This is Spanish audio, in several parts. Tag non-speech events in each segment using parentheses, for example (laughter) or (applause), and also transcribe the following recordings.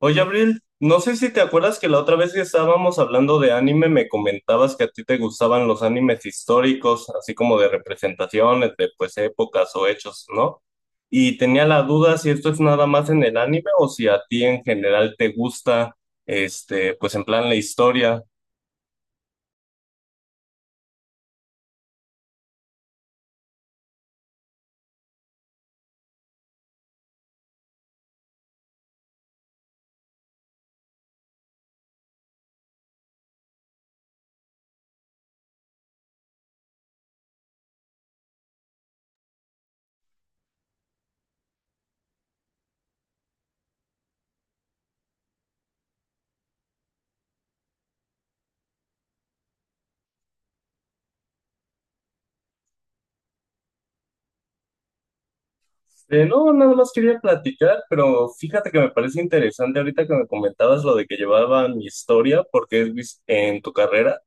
Oye, Abril, no sé si te acuerdas que la otra vez que estábamos hablando de anime me comentabas que a ti te gustaban los animes históricos, así como de representaciones de pues épocas o hechos, ¿no? Y tenía la duda si esto es nada más en el anime o si a ti en general te gusta, pues en plan la historia. No, nada más quería platicar, pero fíjate que me parece interesante ahorita que me comentabas lo de que llevaban historia, porque en tu carrera.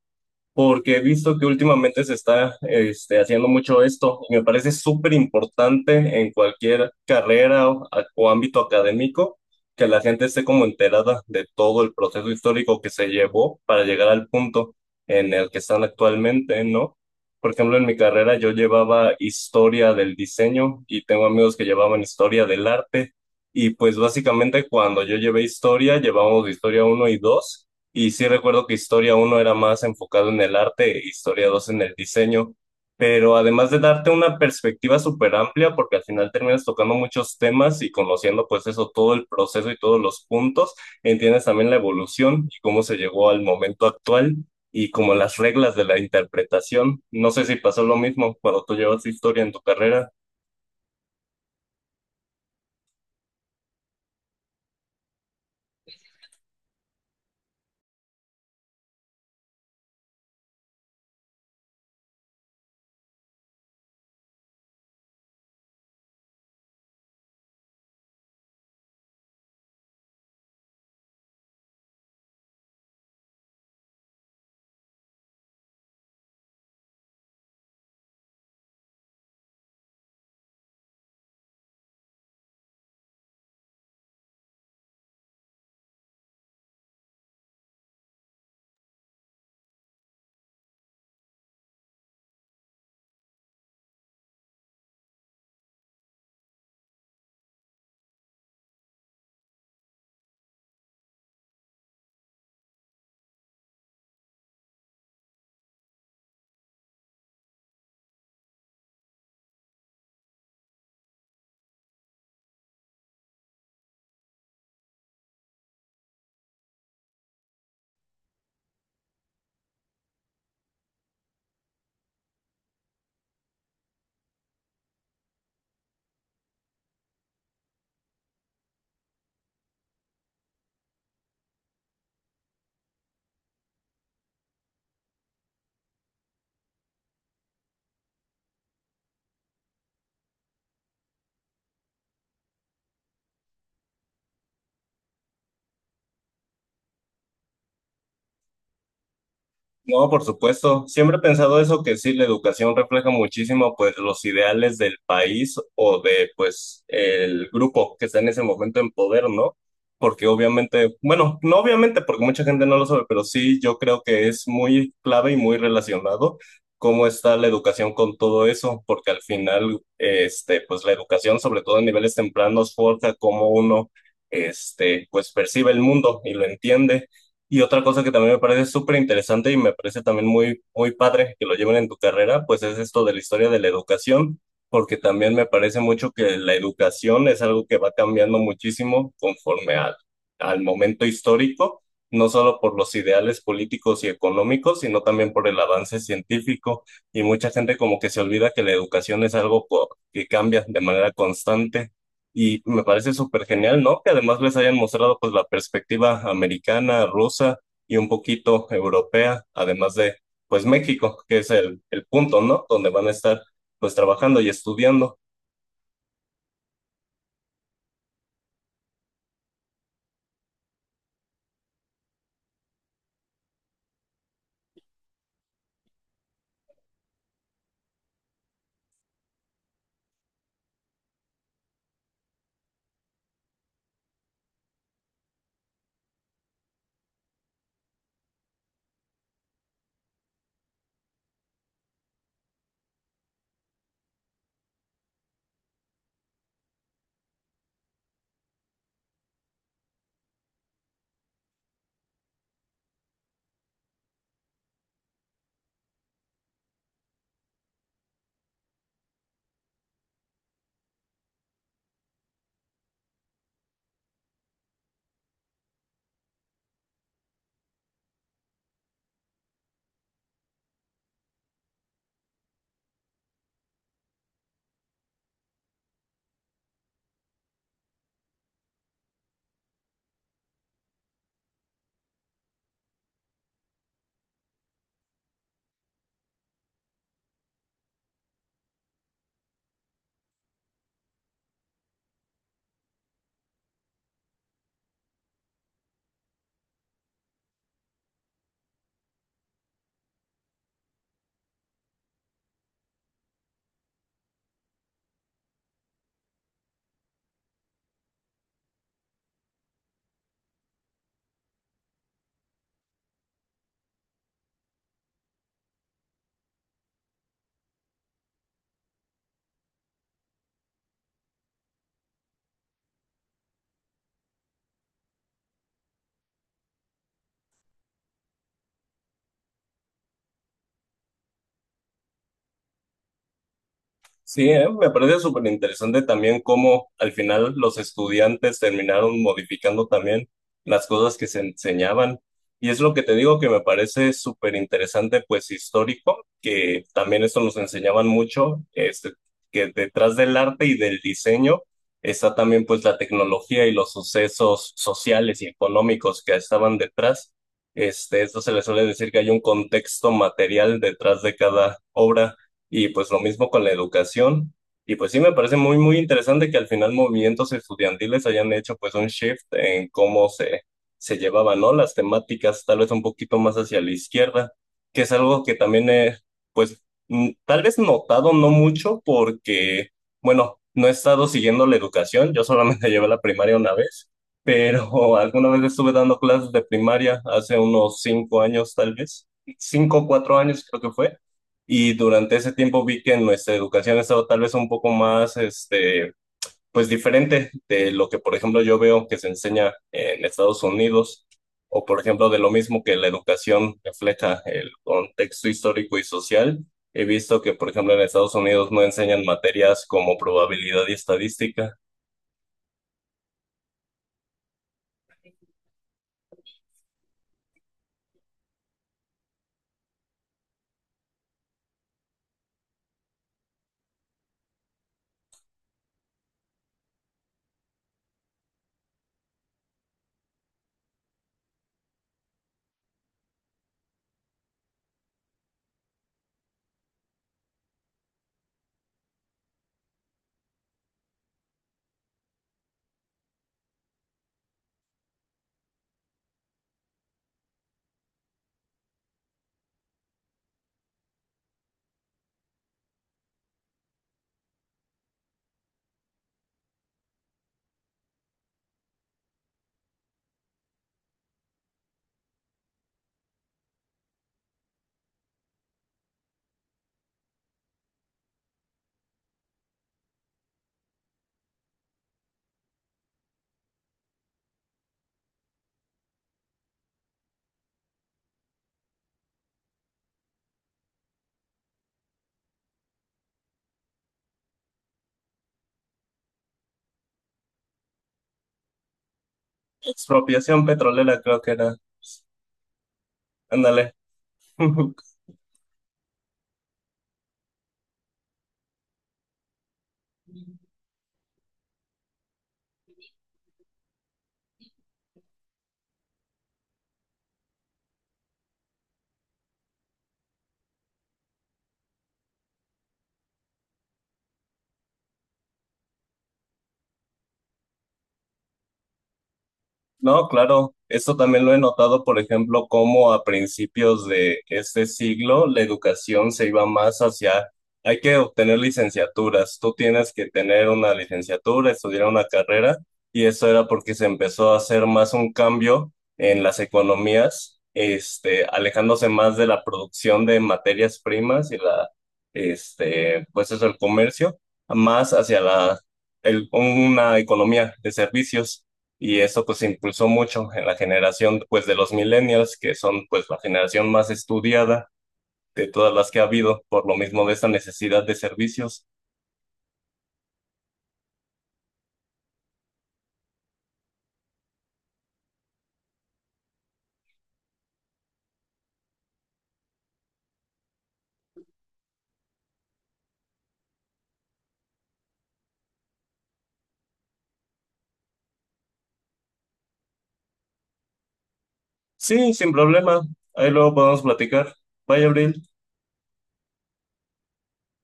Porque he visto que últimamente se está haciendo mucho esto y me parece súper importante en cualquier carrera o ámbito académico que la gente esté como enterada de todo el proceso histórico que se llevó para llegar al punto en el que están actualmente, ¿no? Por ejemplo, en mi carrera yo llevaba historia del diseño y tengo amigos que llevaban historia del arte. Y pues básicamente cuando yo llevé historia, llevábamos historia uno y 2 y sí recuerdo que historia uno era más enfocado en el arte, historia 2 en el diseño, pero además de darte una perspectiva súper amplia, porque al final terminas tocando muchos temas y conociendo pues eso, todo el proceso y todos los puntos, entiendes también la evolución y cómo se llegó al momento actual y como las reglas de la interpretación. No sé si pasó lo mismo cuando tú llevas historia en tu carrera. No, por supuesto. Siempre he pensado eso, que sí, la educación refleja muchísimo, pues, los ideales del país o de, pues, el grupo que está en ese momento en poder, ¿no? Porque obviamente, bueno, no obviamente, porque mucha gente no lo sabe, pero sí, yo creo que es muy clave y muy relacionado cómo está la educación con todo eso, porque al final, este, pues, la educación, sobre todo en niveles tempranos, forja cómo uno, pues, percibe el mundo y lo entiende. Y otra cosa que también me parece súper interesante y me parece también muy, muy padre que lo lleven en tu carrera, pues es esto de la historia de la educación, porque también me parece mucho que la educación es algo que va cambiando muchísimo conforme al, al momento histórico, no solo por los ideales políticos y económicos, sino también por el avance científico. Y mucha gente como que se olvida que la educación es algo que cambia de manera constante. Y me parece súper genial, ¿no? Que además les hayan mostrado pues la perspectiva americana, rusa y un poquito europea, además de pues México, que es el punto, ¿no? Donde van a estar pues trabajando y estudiando. Sí, me parece súper interesante también cómo al final los estudiantes terminaron modificando también las cosas que se enseñaban. Y es lo que te digo que me parece súper interesante, pues histórico, que también esto nos enseñaban mucho, que detrás del arte y del diseño está también pues la tecnología y los sucesos sociales y económicos que estaban detrás. Esto se le suele decir que hay un contexto material detrás de cada obra. Y pues lo mismo con la educación. Y pues sí me parece muy, muy interesante que al final movimientos estudiantiles hayan hecho pues un shift en cómo se llevaban, ¿no? Las temáticas tal vez un poquito más hacia la izquierda, que es algo que también he pues tal vez notado no mucho porque, bueno, no he estado siguiendo la educación, yo solamente (laughs) llevé la primaria una vez, pero (laughs) alguna vez estuve dando clases de primaria hace unos 5 años tal vez, 5 o 4 años creo que fue. Y durante ese tiempo vi que nuestra educación ha estado tal vez un poco más, pues diferente de lo que, por ejemplo, yo veo que se enseña en Estados Unidos, o por ejemplo, de lo mismo que la educación refleja el contexto histórico y social. He visto que, por ejemplo, en Estados Unidos no enseñan materias como probabilidad y estadística. Expropiación petrolera, creo que era. Ándale. (laughs) No, claro, eso también lo he notado, por ejemplo, cómo a principios de este siglo la educación se iba más hacia, hay que obtener licenciaturas, tú tienes que tener una licenciatura, estudiar una carrera, y eso era porque se empezó a hacer más un cambio en las economías, alejándose más de la producción de materias primas y la, pues eso, el comercio, más hacia la, el- una economía de servicios y eso pues impulsó mucho en la generación pues de los millennials, que son pues la generación más estudiada de todas las que ha habido, por lo mismo de esta necesidad de servicios. Sí, sin problema, ahí luego podemos platicar. Bye, Abril.